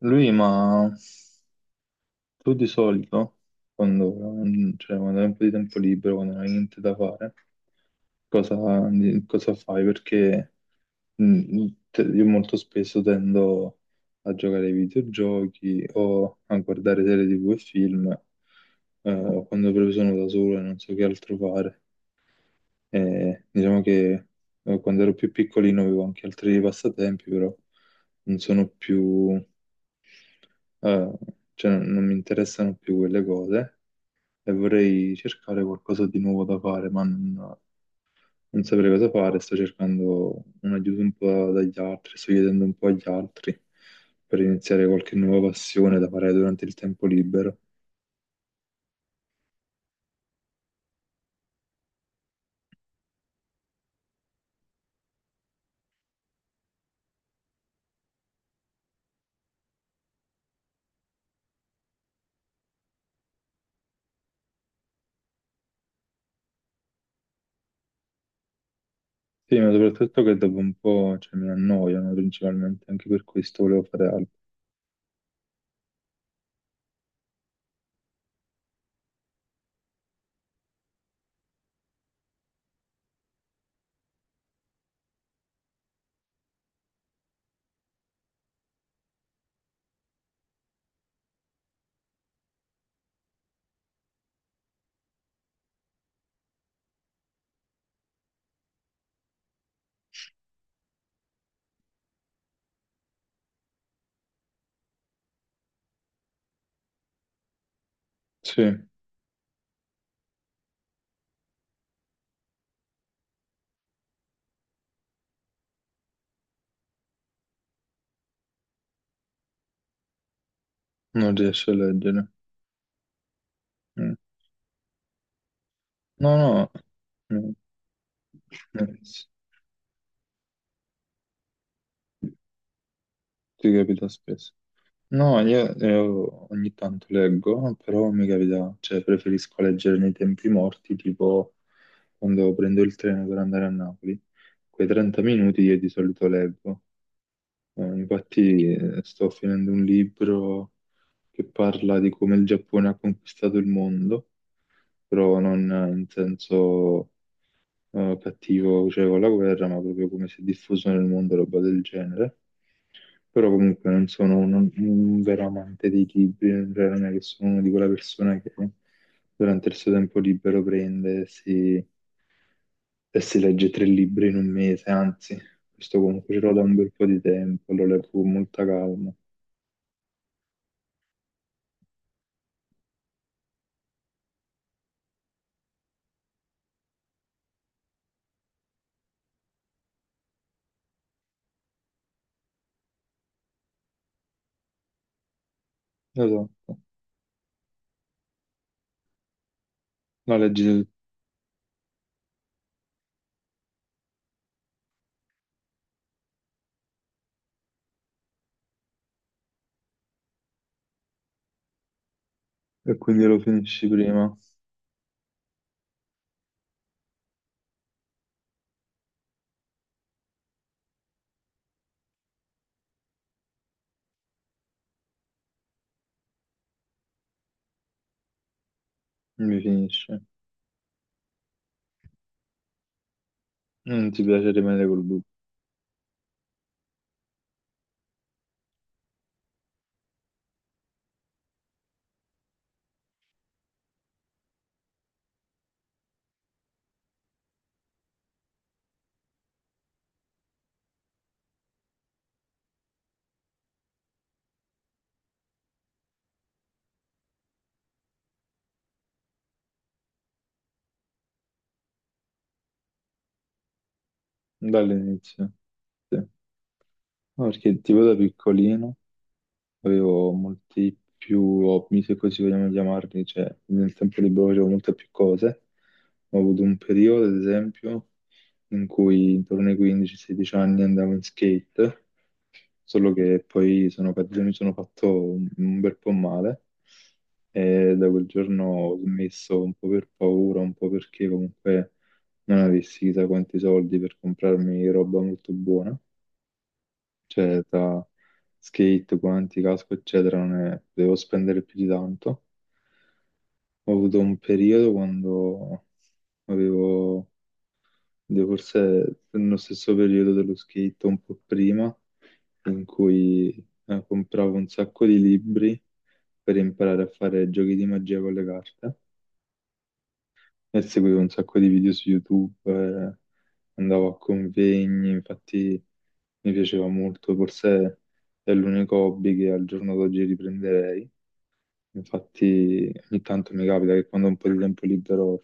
Lui, ma tu di solito, quando, cioè, quando hai un po' di tempo libero, quando non hai niente da fare, cosa, cosa fai? Perché io molto spesso tendo a giocare ai videogiochi o a guardare serie TV e film, quando proprio sono da solo e non so che altro fare. E diciamo che quando ero più piccolino avevo anche altri passatempi, però non sono più. Eh, cioè non mi interessano più quelle cose e vorrei cercare qualcosa di nuovo da fare, ma non saprei cosa fare. Sto cercando un aiuto un po' dagli altri, sto chiedendo un po' agli altri per iniziare qualche nuova passione da fare durante il tempo libero. Sì, ma soprattutto che dopo un po', cioè, mi annoiano principalmente, anche per questo volevo fare altro. Sì, non riesce a leggere. Mm. No, no, no, no, no, sì, ti capita spesso. No, io ogni tanto leggo, però mi capita, cioè preferisco leggere nei tempi morti, tipo quando prendo il treno per andare a Napoli. Quei 30 minuti io di solito leggo. Infatti sto finendo un libro che parla di come il Giappone ha conquistato il mondo, però non in senso cattivo, cioè con la guerra, ma proprio come si è diffuso nel mondo, roba del genere. Però comunque non sono un, vero amante dei libri, cioè non è che sono una di quella persona che durante il suo tempo libero prende e si legge tre libri in un mese, anzi, questo comunque ce l'ho da un bel po' di tempo, lo leggo con molta calma. Esatto, la leggi tu e quindi lo finisci prima, non mi finisce. Non ti piace rimanere col dubbio dall'inizio. Sì. No, perché tipo da piccolino avevo molti più hobby, se così vogliamo chiamarli, cioè nel tempo libero facevo molte più cose. Ho avuto un periodo, ad esempio, in cui intorno ai 15-16 anni andavo in skate, solo che poi sono caduto e mi sono fatto un bel po' male e da quel giorno ho smesso un po' per paura, un po' perché comunque non avessi chissà quanti soldi per comprarmi roba molto buona, cioè tra skate, guanti, casco, eccetera, non è- devo spendere più di tanto. Ho avuto un periodo quando avevo, devo forse nello stesso periodo dello skate, un po' prima, in cui compravo un sacco di libri per imparare a fare giochi di magia con le carte. E seguivo un sacco di video su YouTube, andavo a convegni, infatti mi piaceva molto, forse è l'unico hobby che al giorno d'oggi riprenderei. Infatti ogni tanto mi capita che quando ho un po' di tempo libero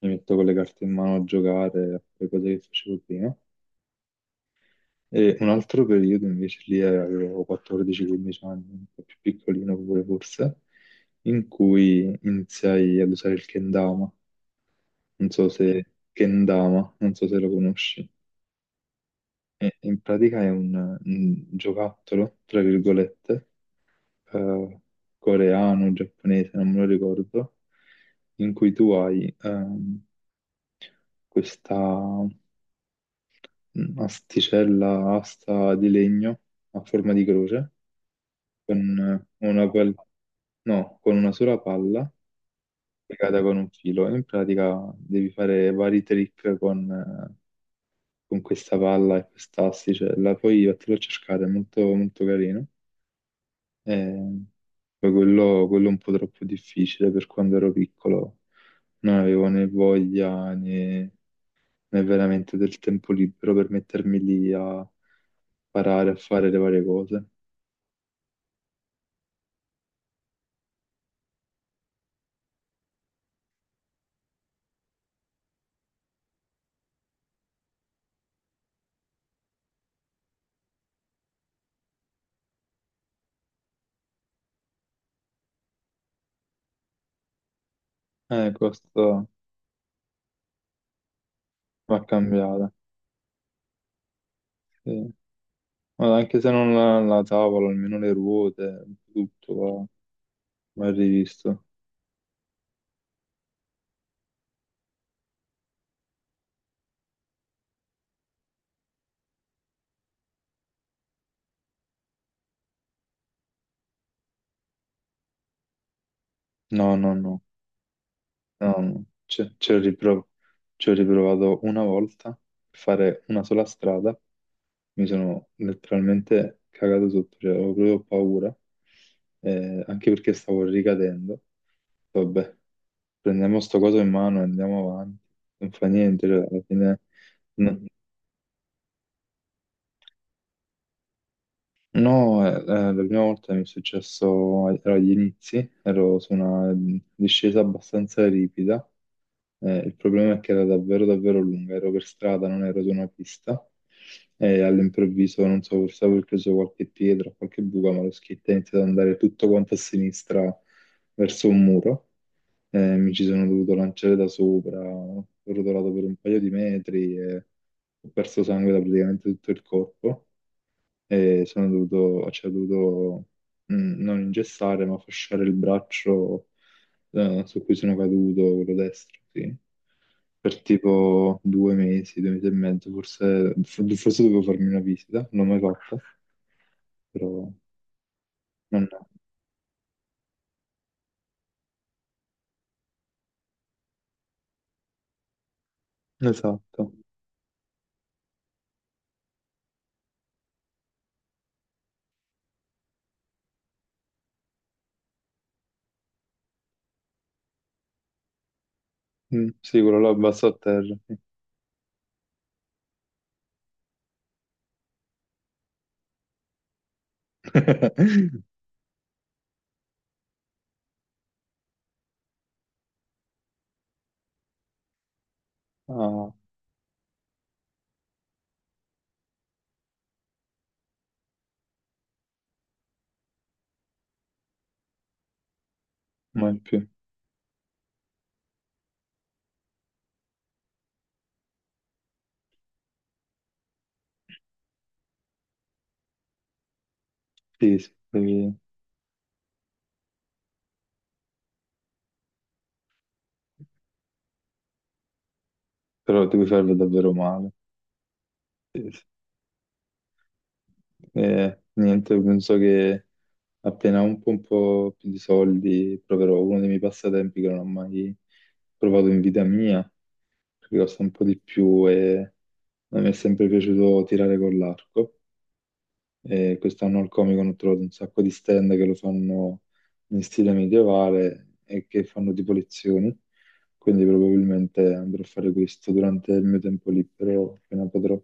mi metto con le carte in mano a giocare, a fare cose che facevo prima. E un altro periodo invece lì avevo 14-15 anni, un po' più piccolino pure forse, in cui iniziai ad usare il kendama, non so se Kendama, non so se lo conosci. E in pratica è un, giocattolo, tra virgolette, eh, coreano, giapponese, non me lo ricordo, in cui tu hai questa asticella, asta di legno a forma di croce, con una, pal- no, con una sola palla legata con un filo. In pratica devi fare vari trick con questa palla e questa asticella. Poi vattelo a cercare, è molto, molto carino. Eh, poi quello è un po' troppo difficile per quando ero piccolo. Non avevo né voglia né veramente del tempo libero per mettermi lì a imparare a fare le varie cose. Questo va cambiata. Sì. Ma anche se non la, tavola, almeno le ruote, tutto va rivisto. No, no, no. No, no, ci ho riprovato una volta per fare una sola strada, mi sono letteralmente cagato sotto, cioè, avevo proprio paura, anche perché stavo ricadendo. Vabbè, prendiamo sto coso in mano e andiamo avanti, non fa niente, cioè, alla fine. No. No, la prima volta mi è successo, ero agli inizi, ero su una discesa abbastanza ripida, il problema è che era davvero davvero lunga, ero per strada, non ero su una pista, e all'improvviso, non so, forse avevo preso qualche pietra, qualche buca, ma lo skate è iniziato ad andare tutto quanto a sinistra verso un muro, mi ci sono dovuto lanciare da sopra, ho rotolato per un paio di metri e ho perso sangue da praticamente tutto il corpo e sono dovuto, cioè, ho dovuto, mh, non ingessare, ma fasciare il braccio su cui sono caduto, quello destro, sì. Per tipo 2 mesi, 2 mesi e mezzo, forse, dovevo farmi una visita, non l'ho mai fatta, però non è. Esatto. Mm, sì, quello là basso a terra. Sì. Ah, mai più. Sì, sì, però ti puoi farlo davvero male. Sì, sì. Niente, penso che appena un po' più di soldi, proverò uno dei miei passatempi che non ho mai provato in vita mia, perché costa un po' di più e a me è sempre piaciuto tirare con l'arco. E quest'anno al Comic Con ho trovato un sacco di stand che lo fanno in stile medievale e che fanno tipo lezioni, quindi probabilmente andrò a fare questo durante il mio tempo libero appena potrò.